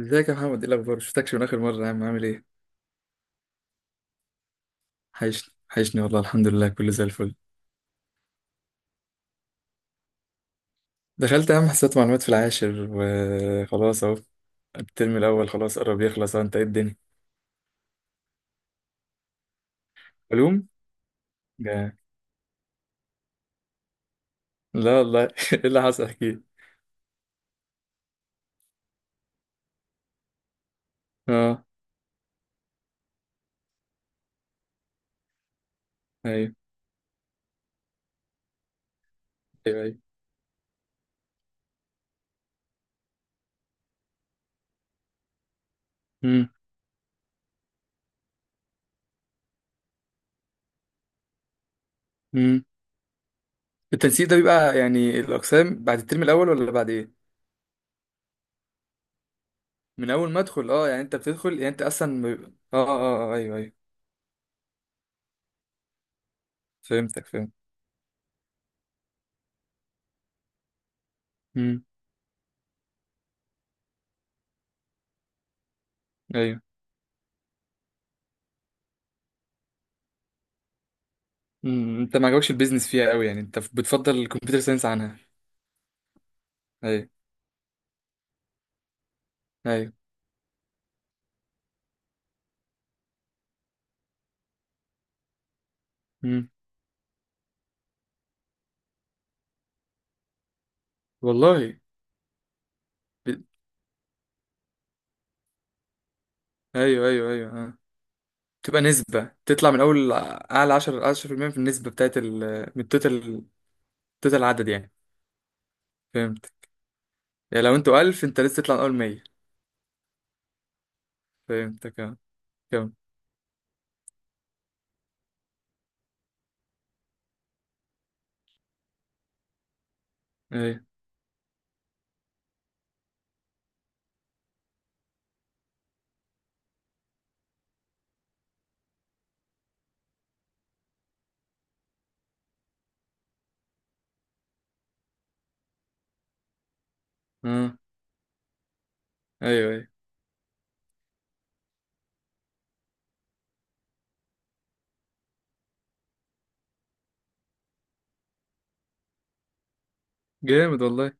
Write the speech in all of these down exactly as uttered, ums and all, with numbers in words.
ازيك يا محمد؟ ايه الاخبار؟ شفتكش من اخر مره يا عم، عامل ايه؟ حيشني حيشني والله، الحمد لله كله زي الفل. دخلت اهم حسابات معلومات في العاشر وخلاص اهو. الترم الاول خلاص قرب يخلص اهو. انت ايه الدنيا؟ علوم. جا. لا والله ايه اللي حصل؟ احكي لي. اه. ايوه ايوه ايوه. امم. امم. التنسيق ده بيبقى يعني الاقسام بعد الترم الاول ولا بعد ايه؟ من اول ما ادخل، اه يعني انت بتدخل يعني انت اصلا ما بيبقى- اه اه اه ايوه ايوه. فهمتك، فهمت. امم. ايوه. امم. انت ما عجبكش البيزنس فيها قوي؟ يعني انت بتفضل الكمبيوتر ساينس عنها؟ ايوه ايوه. امم والله. ب- ايوه ايوه ايوه اه. تبقى نسبة تطلع من اول اعلى عشرة، عشرة في المية في المية في النسبة بتاعت ال، من التوتال، توتال العدد يعني. فهمت. يعني لو انتوا ألف انت لسه تطلع من اول مية. فهمتك اه. كم؟ ايوه اه. ايوه ايوه جامد والله.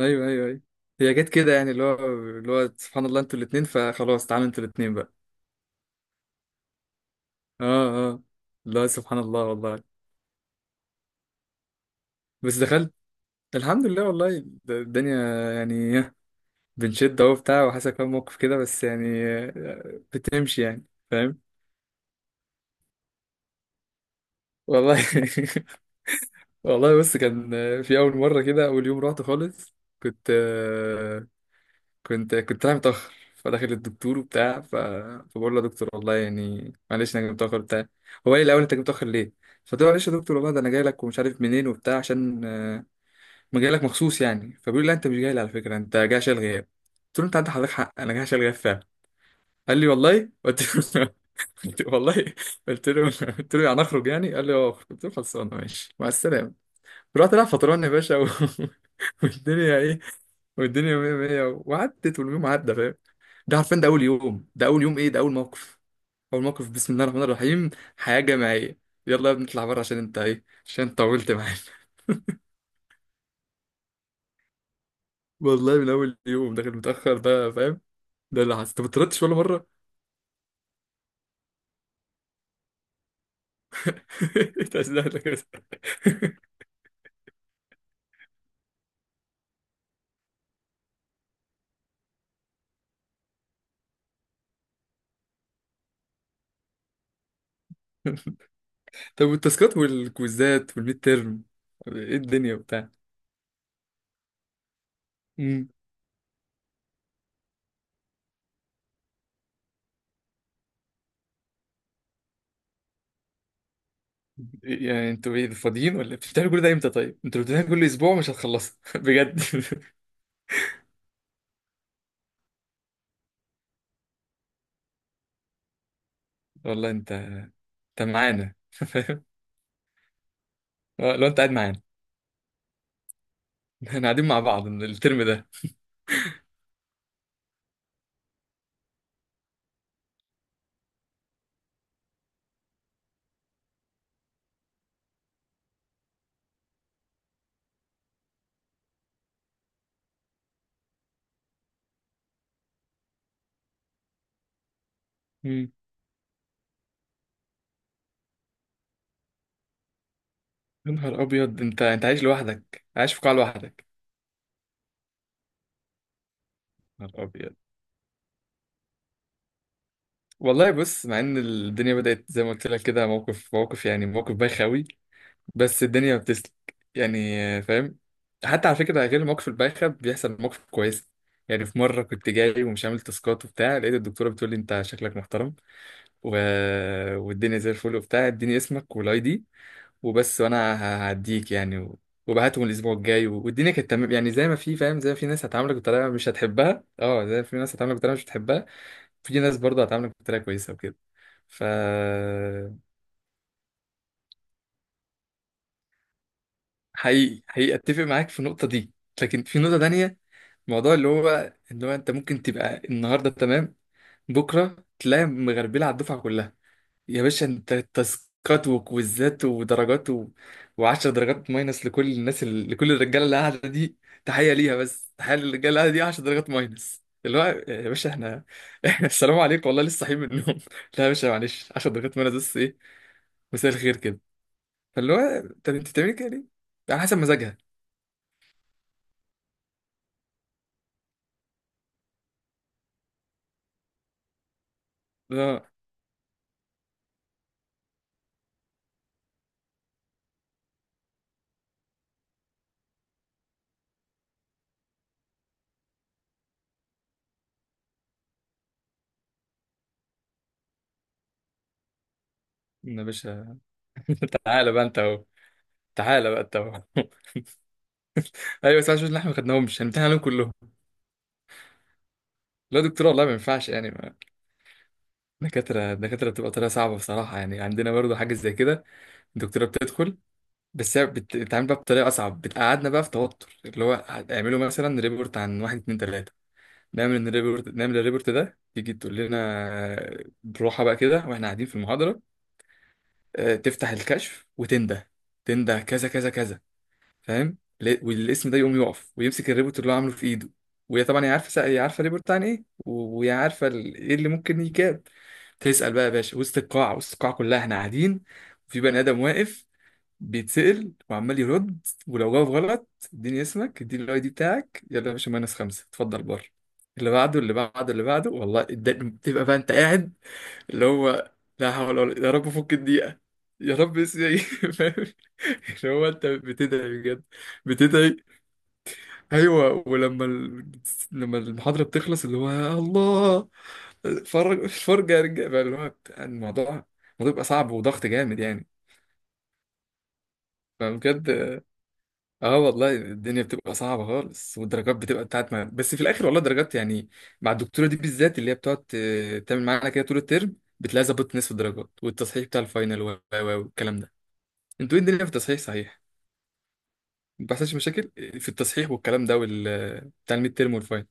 ايوه ايوه ايوه. هي جت كده يعني اللي هو، اللي هو سبحان الله انتوا الاتنين، فخلاص تعالوا انتوا الاتنين بقى. اه اه. لا سبحان الله والله. بس دخلت. الحمد لله والله. د- الدنيا يعني بنشد اهو بتاع وحصل كام موقف كده، بس يعني آه، بتمشي يعني. فاهم. والله والله بص، كان آه، في اول مره كده، اول يوم رحت خالص. كنت آه، كنت كنت رايح متاخر، فداخل الدكتور وبتاع، ف- فبقول له: يا دكتور والله يعني معلش، انا جاي متاخر بتاع. هو قال لي الاول: انت جاي متاخر ليه؟ فقلت له: معلش يا دكتور والله، ده انا جاي لك ومش عارف منين وبتاع عشان آه، ما جاي لك مخصوص يعني. فبيقول لي: لا انت مش جاي لي على فكره، انت جاي عشان الغياب. قلت له: انت عندك حضرتك حق، انا جاي عشان الغياب فعلا. قال لي: والله؟ قلت له. قلت- والله قلت له. قلت له يعني اخرج؟ يعني قال لي: اه اخرج. قلت له: خلصانه، ماشي مع السلامه. رحت رايح فطران يا باشا و... والدنيا ايه؟ والدنيا مية مية، وعدت واليوم عدى. فاهم؟ ده عارفين ده اول يوم، ده اول يوم ايه، ده اول موقف. اول موقف بسم الله الرحمن الرحيم. حياه جماعيه: يلا يا ابني اطلع بره، عشان انت ايه، عشان انت طولت معانا. والله من اول يوم داخل متاخر، ده فاهم. ده اللي حصل. انت ما طردتش ولا مره؟ تسلم لك. طب والتاسكات والكويزات والميد تيرم، ايه الدنيا وبتاع؟ امم. يعني انتوا ايه، فاضيين ولا بتشتغلوا كل ده امتى؟ طيب انتوا لو بتمتحنوا كل اسبوع مش هتخلصوا بجد. والله انت انت معانا فاهم؟ آه، لو انت قاعد معانا، احنا قاعدين مع بعض من الترم ده. امم. يا نهار ابيض، انت انت عايش لوحدك؟ عايش في قاعة لوحدك؟ يا نهار ابيض. والله بص، مع ان الدنيا بدأت زي ما قلت لك كده موقف موقف، يعني موقف بايخ قوي، بس الدنيا بتسلك يعني. فاهم. حتى على فكرة، غير المواقف البايخة بيحصل مواقف كويسة. يعني في مرة كنت جاي ومش عامل تاسكات وبتاع، لقيت الدكتورة بتقول لي: انت شكلك محترم و... والدنيا زي الفل وبتاع، اديني اسمك والاي دي وبس. وانا ه- هعديك يعني و... وبعتهم الاسبوع الجاي و... والدنيا كانت تمام. يعني زي ما في، فاهم، زي ما في ناس هتعاملك بطريقة مش هتحبها، اه زي ما في ناس هتعاملك بطريقة مش هتحبها، في ناس برضه هتعاملك بطريقة كويسة وكده. ف حقيقي حقيقي اتفق معاك في النقطه دي. لكن في نقطه تانية، موضوع اللي هو اللي هو انت ممكن تبقى النهارده تمام، بكره تلاقي مغربله على الدفعه كلها. يا باشا انت تاسكات وكويزات ودرجات و... و10 درجات ماينس لكل الناس ال... لكل الرجاله اللي قاعده دي. تحيه ليها، بس تحيه للرجاله اللي قاعده دي. عشر درجات ماينس؟ اللي هو يا باشا احنا احنا السلام عليكم والله، لسه صاحيين من النوم لا يا باشا معلش، عشرة درجات ماينس بس، ايه؟ مساء الخير كده. فاللي هو طب انت بتعملي كده ليه؟ على حسب مزاجها. يا باشا. تعالى بقى انت اهو. تعالى بقى انت اهو ايوه بس عشان احنا ما خدناهمش هنمتحن عليهم كلهم. لا يا دكتور والله ما ينفعش يعني، ما- دكاتره دكاتره بتبقى طريقه صعبه بصراحه. يعني عندنا برضه حاجه زي كده. الدكتوره بتدخل، بس هي بت- بتتعامل بقى بطريقه اصعب، بتقعدنا بقى في توتر. اللي هو: هتعملوا مثلا ريبورت عن واحد اتنين تلاته. نعمل الريبورت. نعمل الريبورت ده تيجي تقول لنا بروحه بقى كده، واحنا قاعدين في المحاضره، اه، تفتح الكشف وتنده. تنده كذا كذا كذا، فاهم، لا- والاسم ده يقوم يقف ويمسك الريبورت اللي هو عامله في ايده. وهي طبعا هي عارفه سا- هي عارفه الريبورت عن ايه، و- وهي عارفه ال- ايه اللي ممكن يجاب. تسال بقى يا باشا وسط القاعه، وسط القاعه كلها احنا قاعدين. وفي بني ادم واقف بيتسال وعمال يرد. ولو جاوب غلط: اديني اسمك، اديني الاي دي بتاعك، يلا يا باشا ماينس خمسه، اتفضل بره. اللي بعده، اللي بعده، اللي بعده. والله الد- تبقى بقى انت قاعد اللي هو: لا حول ولا، يا رب فك الدقيقه، يا رب اسمي. هو انت بتدعي بجد؟ بتدعي. ايوه. ولما ال... لما المحاضره بتخلص اللي هو: يا الله فرج فرجه يا رجاله بقى. اللي هو بتاع الموضوع، الموضوع بيبقى صعب وضغط جامد يعني. فبجد، اه والله الدنيا بتبقى صعبه خالص، والدرجات بتبقى بتاعت ما. بس في الاخر والله الدرجات يعني مع الدكتوره دي بالذات، اللي هي بتقعد ت- تعمل معانا كده طول الترم، بتلاقي ظبطت نصف الدرجات والتصحيح بتاع الفاينل و- و- و- والكلام ده. انتوا ايه الدنيا في التصحيح؟ صحيح ما بيحصلش مشاكل في التصحيح والكلام ده، وال بتاع الميد تيرم والفاين.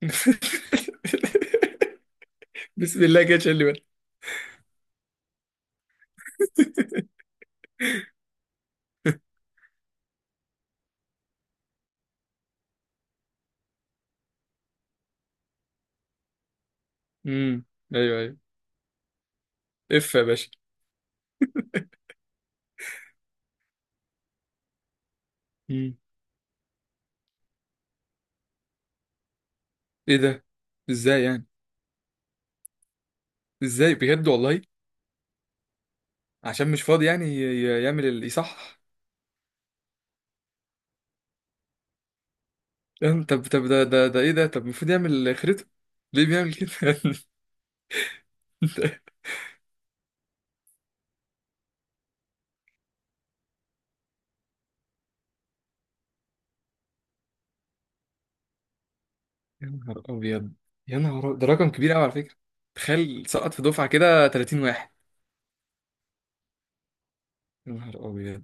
بسم الله كده، شيل لي بالك. امم ايوه ايوه. اف يا باشا. امم. ايه ده؟ ازاي يعني؟ ازاي بجد والله؟ عشان مش فاضي يعني ي- ي- يعمل ال- يصحح؟ يعني طب طب ده ده ده ايه ده؟ طب المفروض يعمل خريطة، ليه بيعمل كده؟ يا نهار ابيض. يا نهار أبيض. ده رقم كبير قوي على فكرة. تخيل سقط في دفعة كده تلاتين واحد. يا نهار ابيض.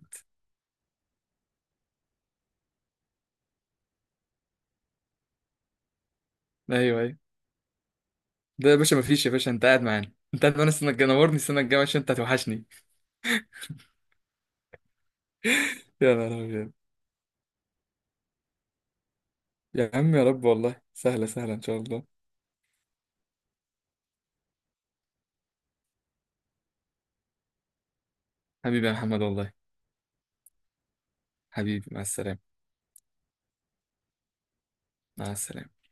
ايوه أيوه. ده يا باشا مفيش. يا باشا انت قاعد معانا انت قاعد معانا السنه الجايه نورني، السنه الجايه عشان انت هتوحشني. يا نهار ابيض. يا عم يا رب والله، سهله سهله ان شاء الله. حبيبي يا محمد والله. حبيبي مع السلامه. مع السلامه.